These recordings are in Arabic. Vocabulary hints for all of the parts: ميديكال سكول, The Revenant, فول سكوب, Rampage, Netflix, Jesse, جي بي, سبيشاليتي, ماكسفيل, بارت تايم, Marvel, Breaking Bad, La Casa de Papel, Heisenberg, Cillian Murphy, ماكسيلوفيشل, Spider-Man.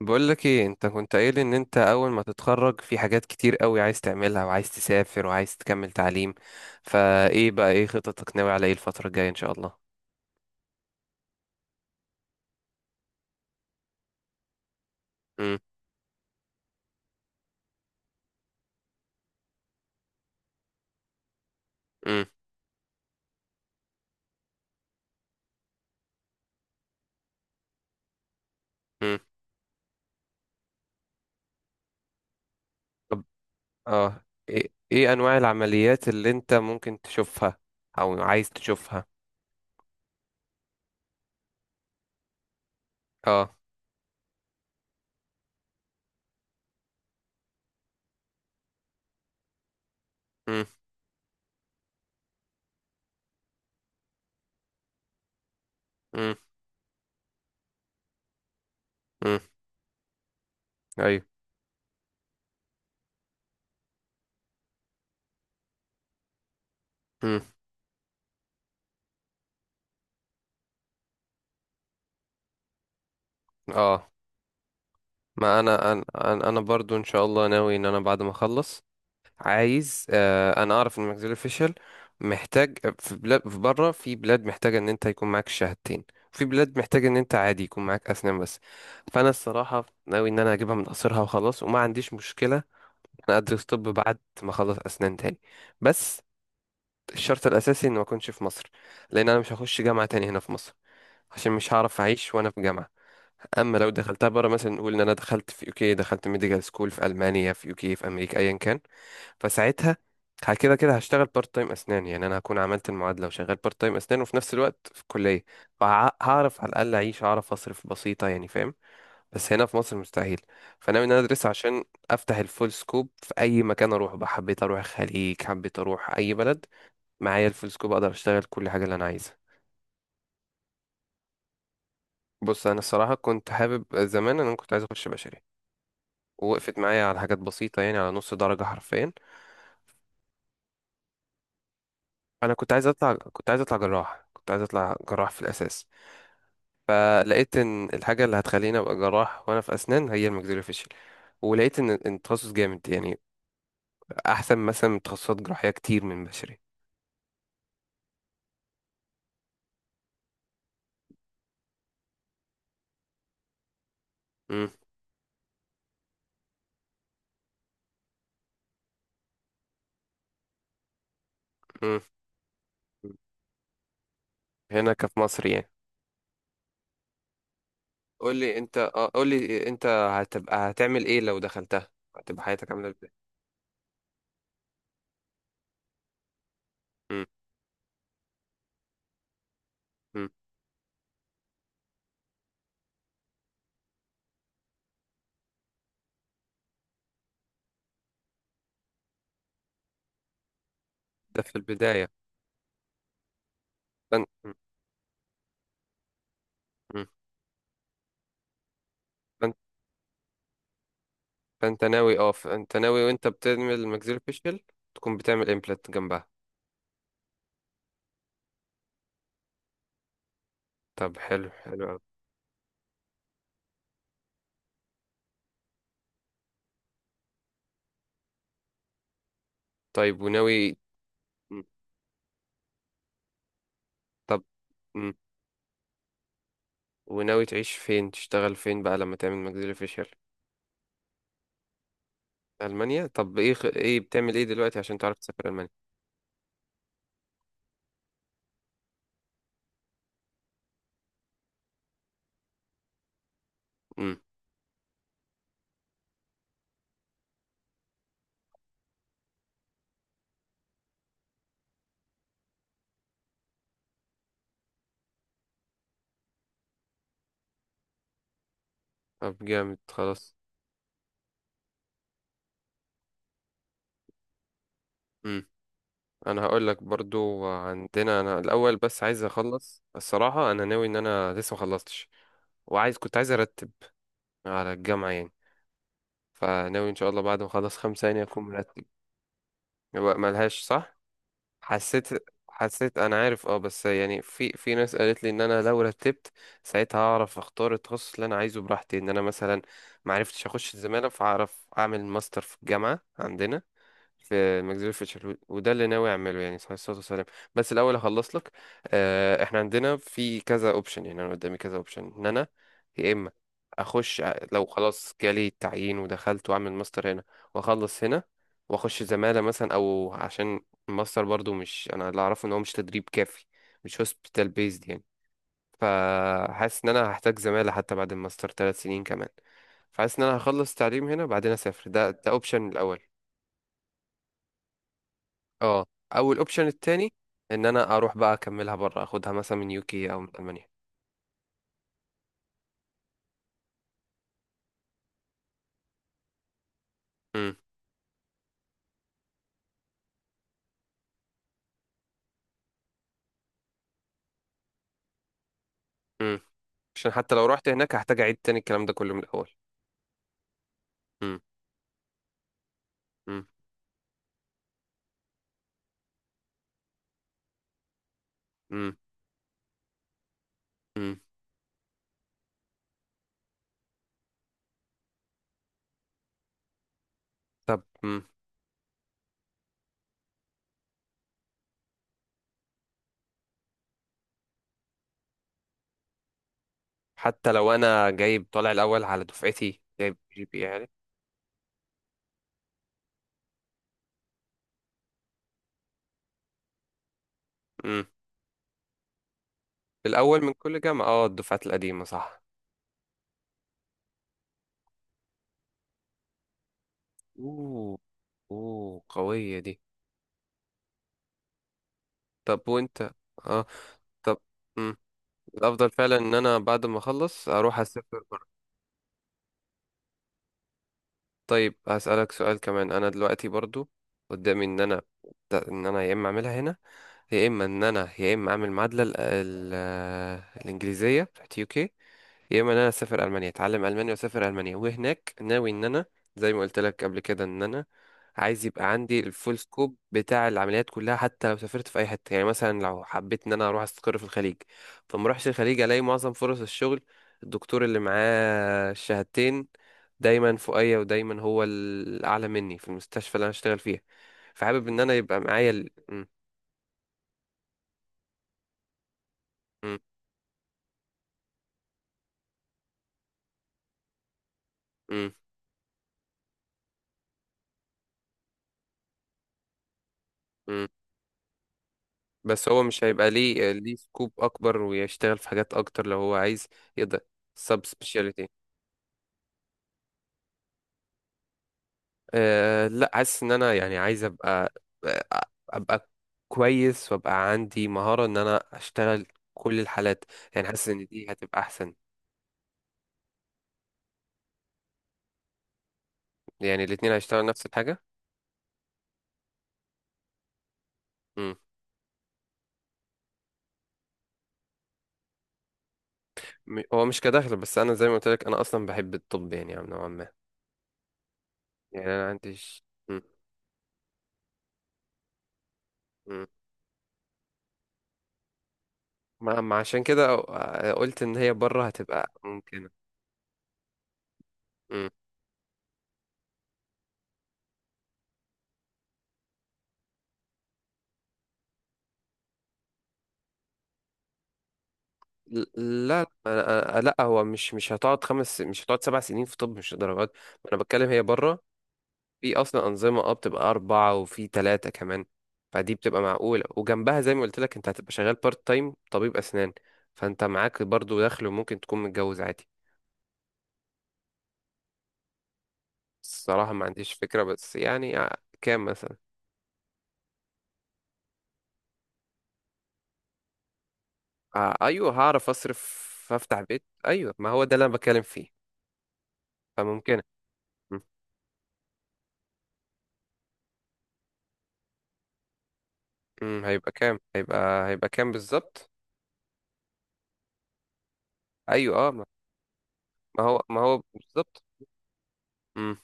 بقول لك ايه انت كنت قايل ان انت اول ما تتخرج في حاجات كتير قوي عايز تعملها، وعايز تسافر، وعايز تكمل تعليم. فايه بقى ايه خططك؟ ناوي على ايه الفترة الجاية ان شاء الله؟ امم، امم، امم. طب، اه ايه انواع العمليات اللي انت ممكن تشوفها او عايز تشوفها؟ اه. امم، امم، امم. ايوه. امم. اه. ما انا انا انا أنا برضو ان شاء الله ناوي ان انا بعد ما اخلص، عايز انا اعرف ان ماكسفيل اوفيشال محتاج. في بلاد في بره، في بلاد محتاجه ان انت يكون معاك شهادتين. في بلاد محتاجه ان انت عادي يكون معاك اسنان بس. فانا الصراحه ناوي ان انا اجيبها من قصرها وخلاص، وما عنديش مشكله إن انا ادرس طب بعد ما اخلص اسنان تاني. بس الشرط الاساسي ان ما اكونش في مصر، لان انا مش هخش جامعه تاني هنا في مصر، عشان مش هعرف اعيش وانا في جامعه. اما لو دخلتها بره، مثلا نقول ان انا دخلت في يوكي، دخلت ميديكال سكول في المانيا، في يوكي، في امريكا، ايا كان. فساعتها كده كده هشتغل بارت تايم اسنان. يعني انا هكون عملت المعادله وشغال بارت تايم اسنان وفي نفس الوقت في الكليه، فهعرف على الاقل اعيش، اعرف اصرف بسيطه يعني، فاهم؟ بس هنا في مصر مستحيل. فانا من إن انا ادرس عشان افتح الفول سكوب في اي مكان اروح بقى. حبيت اروح الخليج، حبيت اروح اي بلد، معايا الفول سكوب اقدر اشتغل كل حاجه اللي انا عايزها. بص انا الصراحه كنت حابب زمان، انا كنت عايز اخش بشري، ووقفت معايا على حاجات بسيطه، يعني على نص درجه حرفيا. انا كنت عايز اطلع كنت عايز اطلع جراح كنت عايز اطلع جراح في الاساس. فلقيت ان الحاجه اللي هتخليني ابقى جراح وانا في اسنان هي الماكسيلوفيشل. ولقيت إن التخصص جامد يعني، احسن مثلا من تخصصات جراحيه كتير من بشري. مم، مم، مم. هنا كفي مصر يعني. قول لي انت هتبقى هتعمل ايه لو دخلتها؟ هتبقى حياتك عامله ازاي؟ مم، مم. ده في البدايه. فانت فانت فانت ناوي وانت بتعمل الماكسيلوفيشل تكون بتعمل امبلانت جنبها. طب حلو، حلو أوي. طيب وناوي. مم. طب، امم. وناوي تعيش فين؟ تشتغل فين بقى لما تعمل ماكسيلو فيشيال؟ ألمانيا؟ طب ايه بتعمل ايه دلوقتي عشان تعرف تسافر ألمانيا؟ امم. طب جامد، خلاص. امم. انا هقول لك برضو عندنا، انا الاول بس عايز اخلص الصراحة. انا ناوي ان انا لسه ما خلصتش، كنت عايز ارتب على الجامعة يعني. فناوي ان شاء الله بعد ما اخلص خمسة يعني اكون مرتب. هو ملهاش صح. حسيت حسيت انا عارف اه، بس يعني في ناس قالت لي ان انا لو رتبت ساعتها هعرف اختار التخصص اللي انا عايزه براحتي، ان انا مثلا ما عرفتش اخش الزماله فهعرف اعمل ماستر في الجامعه عندنا في ماكسفيل فيتشر. وده اللي ناوي اعمله يعني، صلى الله عليه وسلم. بس الاول هخلص لك. احنا عندنا في كذا اوبشن. يعني انا قدامي كذا اوبشن ان انا يا اما لو خلاص جالي التعيين ودخلت واعمل ماستر هنا واخلص هنا واخش زمالة مثلا، او عشان الماستر برضو مش انا اللي اعرفه ان هو مش تدريب كافي، مش هوسبيتال بيزد يعني، فحاسس ان انا هحتاج زمالة حتى بعد الماستر 3 سنين كمان. فحاسس ان انا هخلص تعليم هنا بعدين اسافر. ده اوبشن الاول. اه. او الاوبشن التاني ان انا اروح بقى اكملها بره، اخدها مثلا من يوكي او من المانيا. امم. امم. عشان حتى لو رحت هناك هحتاج اعيد تاني الكلام ده كله من الاول. امم. امم. امم. امم. طب، امم. حتى لو انا جايب طالع الاول على دفعتي، جايب جي بي يعني. امم. الاول من كل جامعه، اه. الدفعات القديمه، صح؟ اوه. اوه، قويه دي. طب وانت. اه. طب. امم. الافضل فعلا ان انا بعد ما اخلص اروح اسافر. طيب هسألك سؤال كمان، انا دلوقتي برضو قدامي ان انا، ان انا يا اما اعملها هنا يا اما ان انا يا اما اعمل معادلة الانجليزية بتاعت يو كي، يا اما ان انا اسافر المانيا اتعلم المانيا واسافر المانيا. وهناك ناوي ان انا زي ما قلت لك قبل كده ان انا عايز يبقى عندي الفول سكوب بتاع العمليات كلها حتى لو سافرت في اي حته. يعني مثلا لو حبيت ان انا اروح استقر في الخليج، فما اروحش الخليج الاقي معظم فرص الشغل، الدكتور اللي معاه الشهادتين دايما فوقيا ودايما هو الاعلى مني في المستشفى اللي انا اشتغل فيها. فحابب ان انا يبقى معايا ال... م- م- م- م. بس هو مش هيبقى ليه سكوب اكبر ويشتغل في حاجات اكتر لو هو عايز يقدر؟ سبيشاليتي. أه لا، حاسس ان انا يعني عايز ابقى، آه، ابقى كويس وابقى عندي مهارة ان انا اشتغل كل الحالات. يعني حاسس ان دي هتبقى احسن. يعني الاتنين هيشتغلوا نفس الحاجة؟ مم. هو مش كدخل، بس انا زي ما قلت لك انا اصلا بحب الطب يعني نوعا ما. يعني انا عندي مم. مم. ما عشان كده قلت ان هي بره هتبقى ممكنة. لا، لا، لا، هو مش هتقعد 7 سنين في طب، مش درجات. انا بتكلم هي بره، في اصلا انظمه بتبقى اربعه وفي ثلاثه كمان. فدي بتبقى معقوله، وجنبها زي ما قلت لك انت هتبقى شغال بارت تايم طبيب اسنان، فانت معاك برضو دخل وممكن تكون متجوز عادي. الصراحه ما عنديش فكره، بس يعني كام مثلا؟ آه ايوه، هعرف اصرف، افتح بيت، ايوه. ما هو ده اللي انا بتكلم فيه. فممكن. م- م، هيبقى كام بالظبط؟ ايوه، اه. ما هو بالظبط. مم.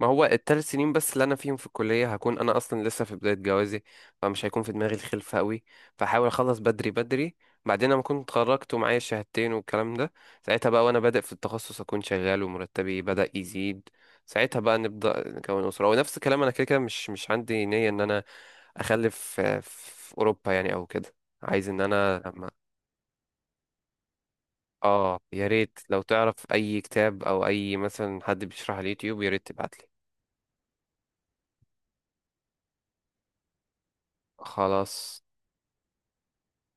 ما هو ال 3 سنين بس اللي انا فيهم في الكليه هكون انا اصلا لسه في بدايه جوازي، فمش هيكون في دماغي الخلفه قوي، فحاول اخلص بدري بدري. بعدين لما كنت اتخرجت ومعايا الشهادتين والكلام ده، ساعتها بقى وانا بادئ في التخصص اكون شغال ومرتبي بدا يزيد، ساعتها بقى نبدا نكون اسره. ونفس الكلام، انا كده كده مش عندي نيه ان انا اخلف في اوروبا يعني او كده. عايز ان انا لما. اه يا ريت لو تعرف اي كتاب او اي مثلا حد بيشرح على اليوتيوب، يا ريت تبعتلي. خلاص،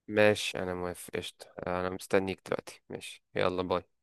ماشي، انا موافق، قشطة، انا مستنيك دلوقتي، ماشي، يلا باي.